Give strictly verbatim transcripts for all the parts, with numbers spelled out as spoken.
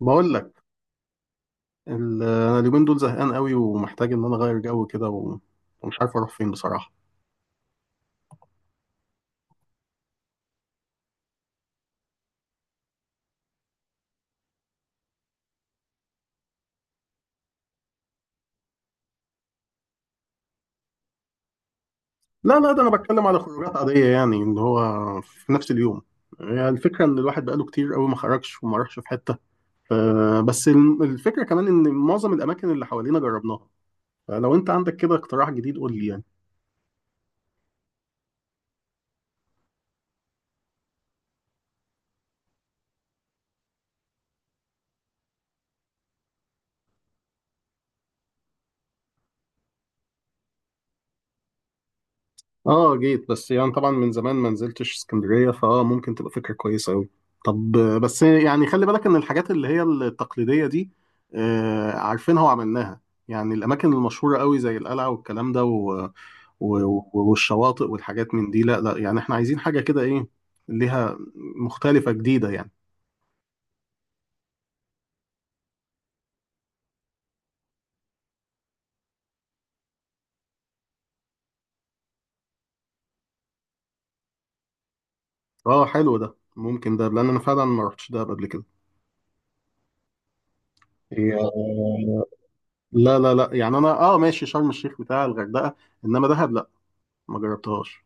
بقول لك، ال- انا اليومين دول زهقان قوي ومحتاج ان انا اغير جو كده و- ومش عارف اروح فين بصراحه. لا لا، ده انا بتكلم على خروجات عاديه، يعني اللي هو في نفس اليوم. يعني الفكره ان الواحد بقاله كتير قوي ما خرجش وما راحش في حته. ف- بس الم- الفكره كمان ان معظم الاماكن اللي حوالينا جربناها. فلو انت عندك كده اقتراح جديد قول لي يعني. اه جيت، بس يعني طبعا من زمان ما نزلتش اسكندريه، فاه ممكن تبقى فكره كويسه قوي. طب، آه، بس يعني خلي بالك ان الحاجات اللي هي التقليديه دي، آه، عارفينها وعملناها. يعني الاماكن المشهوره قوي زي القلعه والكلام ده و- و- والشواطئ والحاجات من دي. لا لا، يعني احنا عايزين حاجه كده، ايه ليها، مختلفه جديده يعني. اه حلو ده، ممكن ده، لان انا فعلا ما رحتش ده قبل كده. هي- لا لا لا، يعني انا اه ماشي شرم الشيخ بتاع الغردقه، انما دهب لا، ما جربتهاش.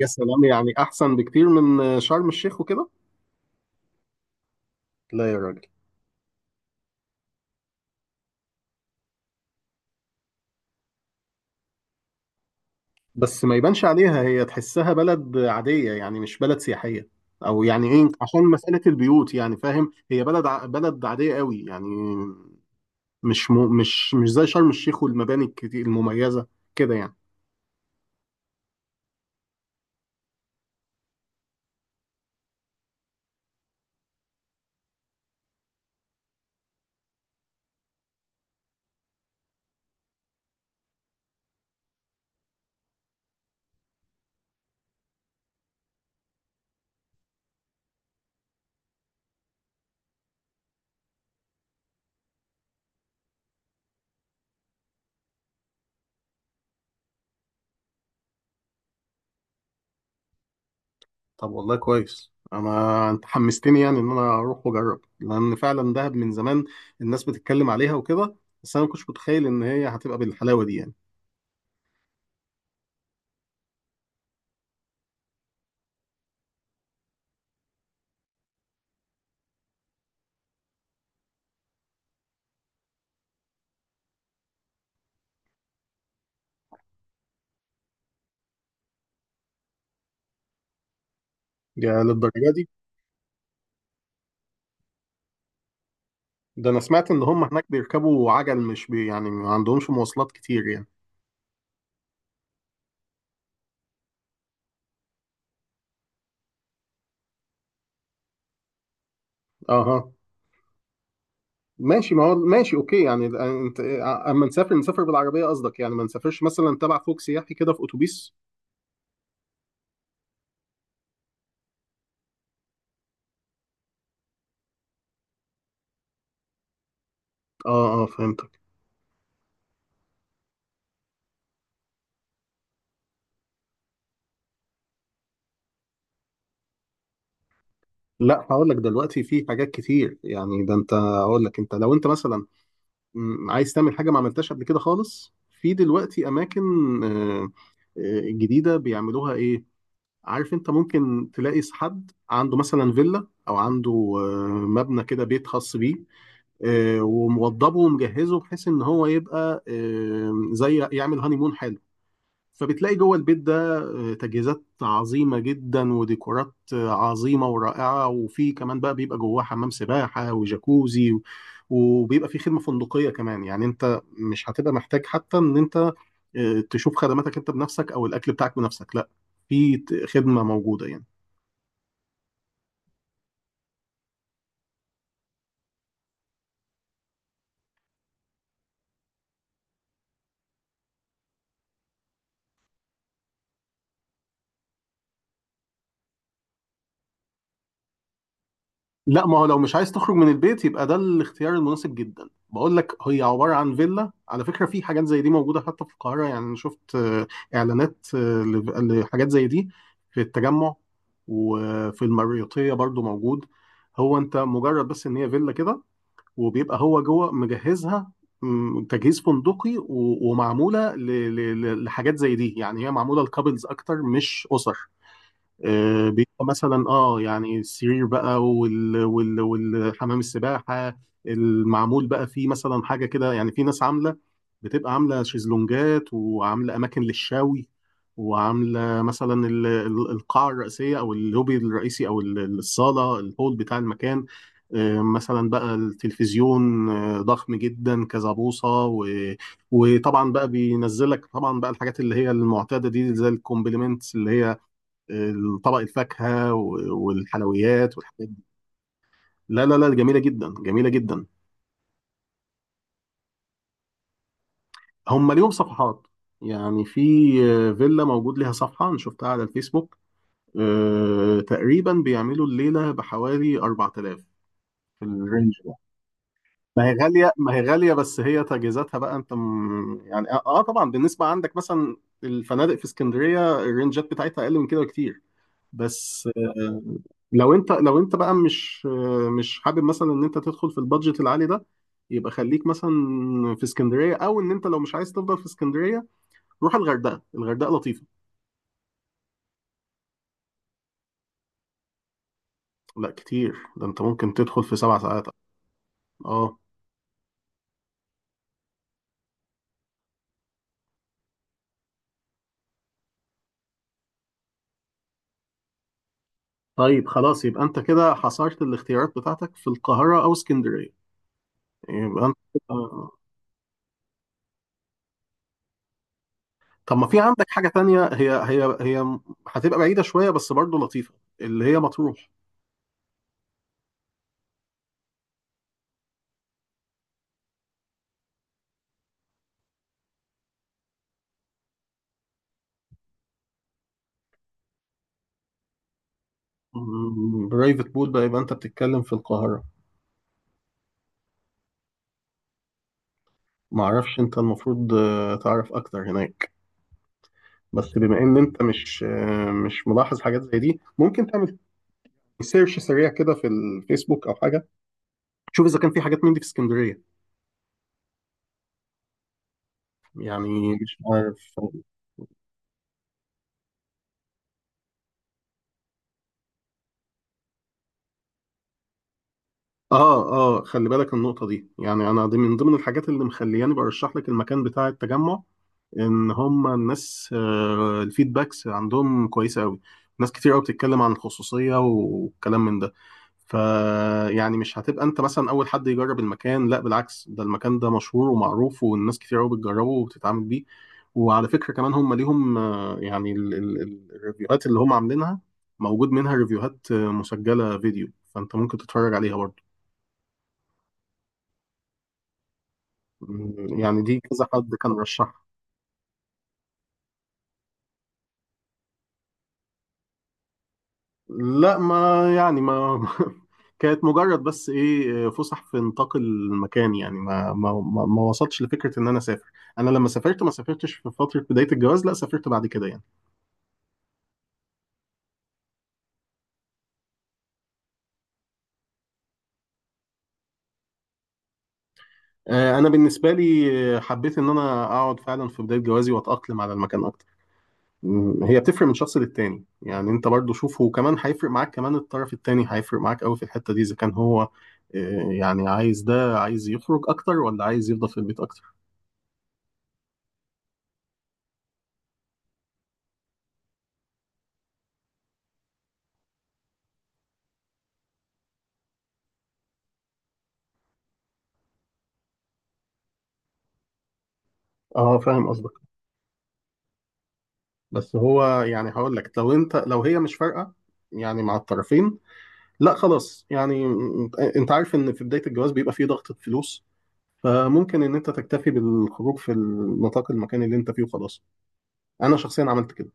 يا سلام! يعني احسن بكتير من شرم الشيخ وكده؟ لا يا راجل. بس ما يبانش عليها، هي تحسها بلد عادية يعني، مش بلد سياحية. او يعني ايه، عشان مسألة البيوت يعني، فاهم، هي بلد ع... بلد عادية قوي يعني. مش م... مش مش زي شرم الشيخ والمباني الكتير المميزة كده يعني. طب والله كويس، انا انت حمستني يعني ان انا اروح واجرب، لان فعلا دهب من زمان الناس بتتكلم عليها وكده. بس انا ما كنتش متخيل ان هي هتبقى بالحلاوة دي يعني. يا للدرجة دي؟ ده انا سمعت ان هم هناك بيركبوا عجل، مش بي يعني ما عندهمش مواصلات كتير يعني. اها، ماشي، ما هو ماشي، اوكي يعني. انت اما نسافر نسافر بالعربيه قصدك، يعني ما نسافرش مثلا تبع فوق سياحي كده في اتوبيس؟ اه اه، فهمتك. لا هقول لك دلوقتي في حاجات كتير يعني. ده انت هقول لك، انت لو انت مثلا، م، عايز تعمل حاجه ما عملتهاش قبل كده خالص، في دلوقتي اماكن آه، آه، جديده بيعملوها، ايه؟ عارف، انت ممكن تلاقي حد عنده مثلا فيلا او عنده آه، مبنى كده، بيت خاص بيه، آه، وموضبه ومجهزه، بحيث ان هو يبقى آه، زي يعمل هانيمون حلو. فبتلاقي جوه البيت ده آه، تجهيزات عظيمة جدا وديكورات آه، عظيمة ورائعة، وفي كمان بقى بيبقى جواه حمام سباحة وجاكوزي، و- وبيبقى في خدمة فندقية كمان. يعني انت مش هتبقى محتاج حتى ان انت آه، تشوف خدماتك انت بنفسك او الاكل بتاعك بنفسك. لا، في ت- خدمة موجودة يعني. لا ما هو لو مش عايز تخرج من البيت، يبقى ده الاختيار المناسب جدا. بقول لك، هي عبارة عن فيلا على فكرة. في حاجات زي دي موجودة حتى في القاهرة، يعني أنا شفت آه، إعلانات آه، ل- لحاجات زي دي في التجمع، وفي المريوطية برضو موجود. هو أنت مجرد بس إن هي فيلا كده، وبيبقى هو جوه مجهزها مم، تجهيز فندقي، و- ومعمولة ل- ل- ل- لحاجات زي دي، يعني هي معمولة لكابلز أكتر، مش أسر. آه، بيبقى مثلا اه يعني السرير بقى وال وال والحمام السباحه. المعمول بقى فيه مثلا حاجه كده، يعني في ناس عامله، بتبقى عامله شيزلونجات وعامله اماكن للشوي، وعامله مثلا ال- ال- القاعه الرئيسيه او اللوبي الرئيسي او ال- الصاله الهول بتاع المكان. آه، مثلا بقى التلفزيون آه، ضخم جدا كذا بوصه، و... وطبعا بقى بينزلك طبعا بقى الحاجات اللي هي المعتاده دي، زي الكومبليمنتس اللي هي طبق الفاكهه والحلويات والحاجات دي. لا لا لا، جميله جدا، جميله جدا. هم ليهم صفحات، يعني في آه، فيلا موجود ليها صفحه، انا شفتها على الفيسبوك. آه، تقريبا بيعملوا الليله بحوالي اربعة آلاف، في الرينج ده. ما هي غاليه، ما هي غاليه، بس هي تجهيزاتها بقى انت م... يعني اه آه طبعا، بالنسبه عندك مثلا الفنادق في اسكندريه الرينجات بتاعتها اقل من كده بكتير. بس لو انت لو انت بقى مش مش حابب مثلا ان انت تدخل في البادجت العالي ده، يبقى خليك مثلا في اسكندريه. او ان انت لو مش عايز تفضل في اسكندريه، روح الغردقه. الغردقه لطيفه. لا كتير، ده انت ممكن تدخل في سبع ساعات. اه. طيب خلاص، يبقى انت كده حصرت الاختيارات بتاعتك في القاهره او اسكندريه. يبقى انت آه. طب ما في عندك حاجه تانية، هي هي هي هتبقى بعيده شويه بس برضه لطيفه، اللي هي مطروح. برايفت بول بقى، يبقى انت بتتكلم في القاهره. معرفش، انت المفروض آه، تعرف اكتر هناك. بس بما ان انت مش آه، مش ملاحظ حاجات زي دي، ممكن تعمل سيرش سريع كده في الفيسبوك او حاجه، تشوف اذا كان في حاجات من دي في اسكندريه، يعني مش عارف. اه اه، خلي بالك النقطة دي، يعني انا دي من ضمن الحاجات اللي مخلياني برشح لك المكان بتاع التجمع. ان هم الناس آه، الفيدباكس عندهم كويسة قوي، ناس كتير قوي بتتكلم عن الخصوصية والكلام من ده. ف يعني مش هتبقى انت مثلا اول حد يجرب المكان، لا بالعكس، ده المكان ده مشهور ومعروف، والناس كتير قوي بتجربه وبتتعامل بيه. وعلى فكرة كمان هم ليهم آه، يعني ال- ال- ال- الريفيوهات اللي هم عاملينها، موجود منها ريفيوهات آه، مسجلة فيديو، فانت ممكن تتفرج عليها برضه. مم، يعني دي كذا حد كان رشحها. لا ما يعني ما كانت مجرد بس ايه، فسح في نطاق المكان يعني، ما ما ما ما وصلتش لفكره ان انا اسافر. انا لما سافرت ما سافرتش في فتره بدايه الجواز، لا سافرت بعد كده يعني. آه، انا بالنسبه لي آه، حبيت ان انا اقعد فعلا في بدايه جوازي واتاقلم على المكان اكتر. مم، هي بتفرق من شخص للتاني، يعني انت برضو شوفه. وكمان هيفرق معاك، كمان الطرف التاني هيفرق معاك قوي في الحته دي، اذا كان هو آه، يعني عايز ده عايز يخرج اكتر، ولا عايز يفضل في البيت اكتر. اه فاهم قصدك. بس هو يعني هقول لك، لو انت، لو هي مش فارقه يعني مع الطرفين، لا خلاص، يعني انت انت عارف ان في بدايه الجواز بيبقى فيه ضغط فلوس، فممكن ان انت تكتفي بالخروج في النطاق المكاني اللي انت فيه وخلاص. انا شخصيا عملت كده.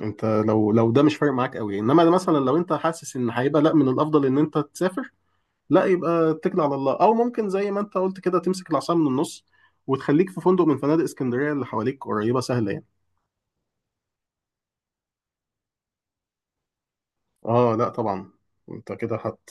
انت لو لو ده مش فارق معاك قوي، انما ده مثلا لو انت حاسس ان هيبقى لا، من الافضل ان انت تسافر، لا يبقى اتكل على الله. او ممكن زي ما انت قلت كده، تمسك العصا من النص، وتخليك في فندق من فنادق اسكندريه اللي حواليك قريبه سهله يعني. اه لا طبعا. انت كده هت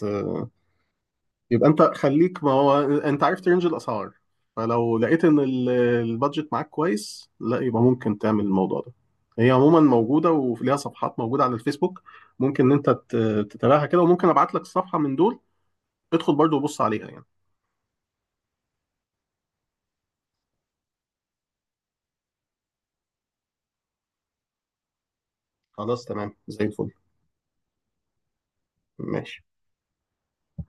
يبقى انت خليك، ما هو انت عرفت رينج الاسعار، فلو لقيت ان ال- البادجت معاك كويس، لا يبقى ممكن تعمل الموضوع ده. هي عموما موجوده وليها صفحات موجوده على الفيسبوك. ممكن ان انت ت- تتابعها كده، وممكن ابعت لك الصفحه من دول، ادخل برضو وبص عليها يعني. خلاص تمام، زي الفل. ماشي.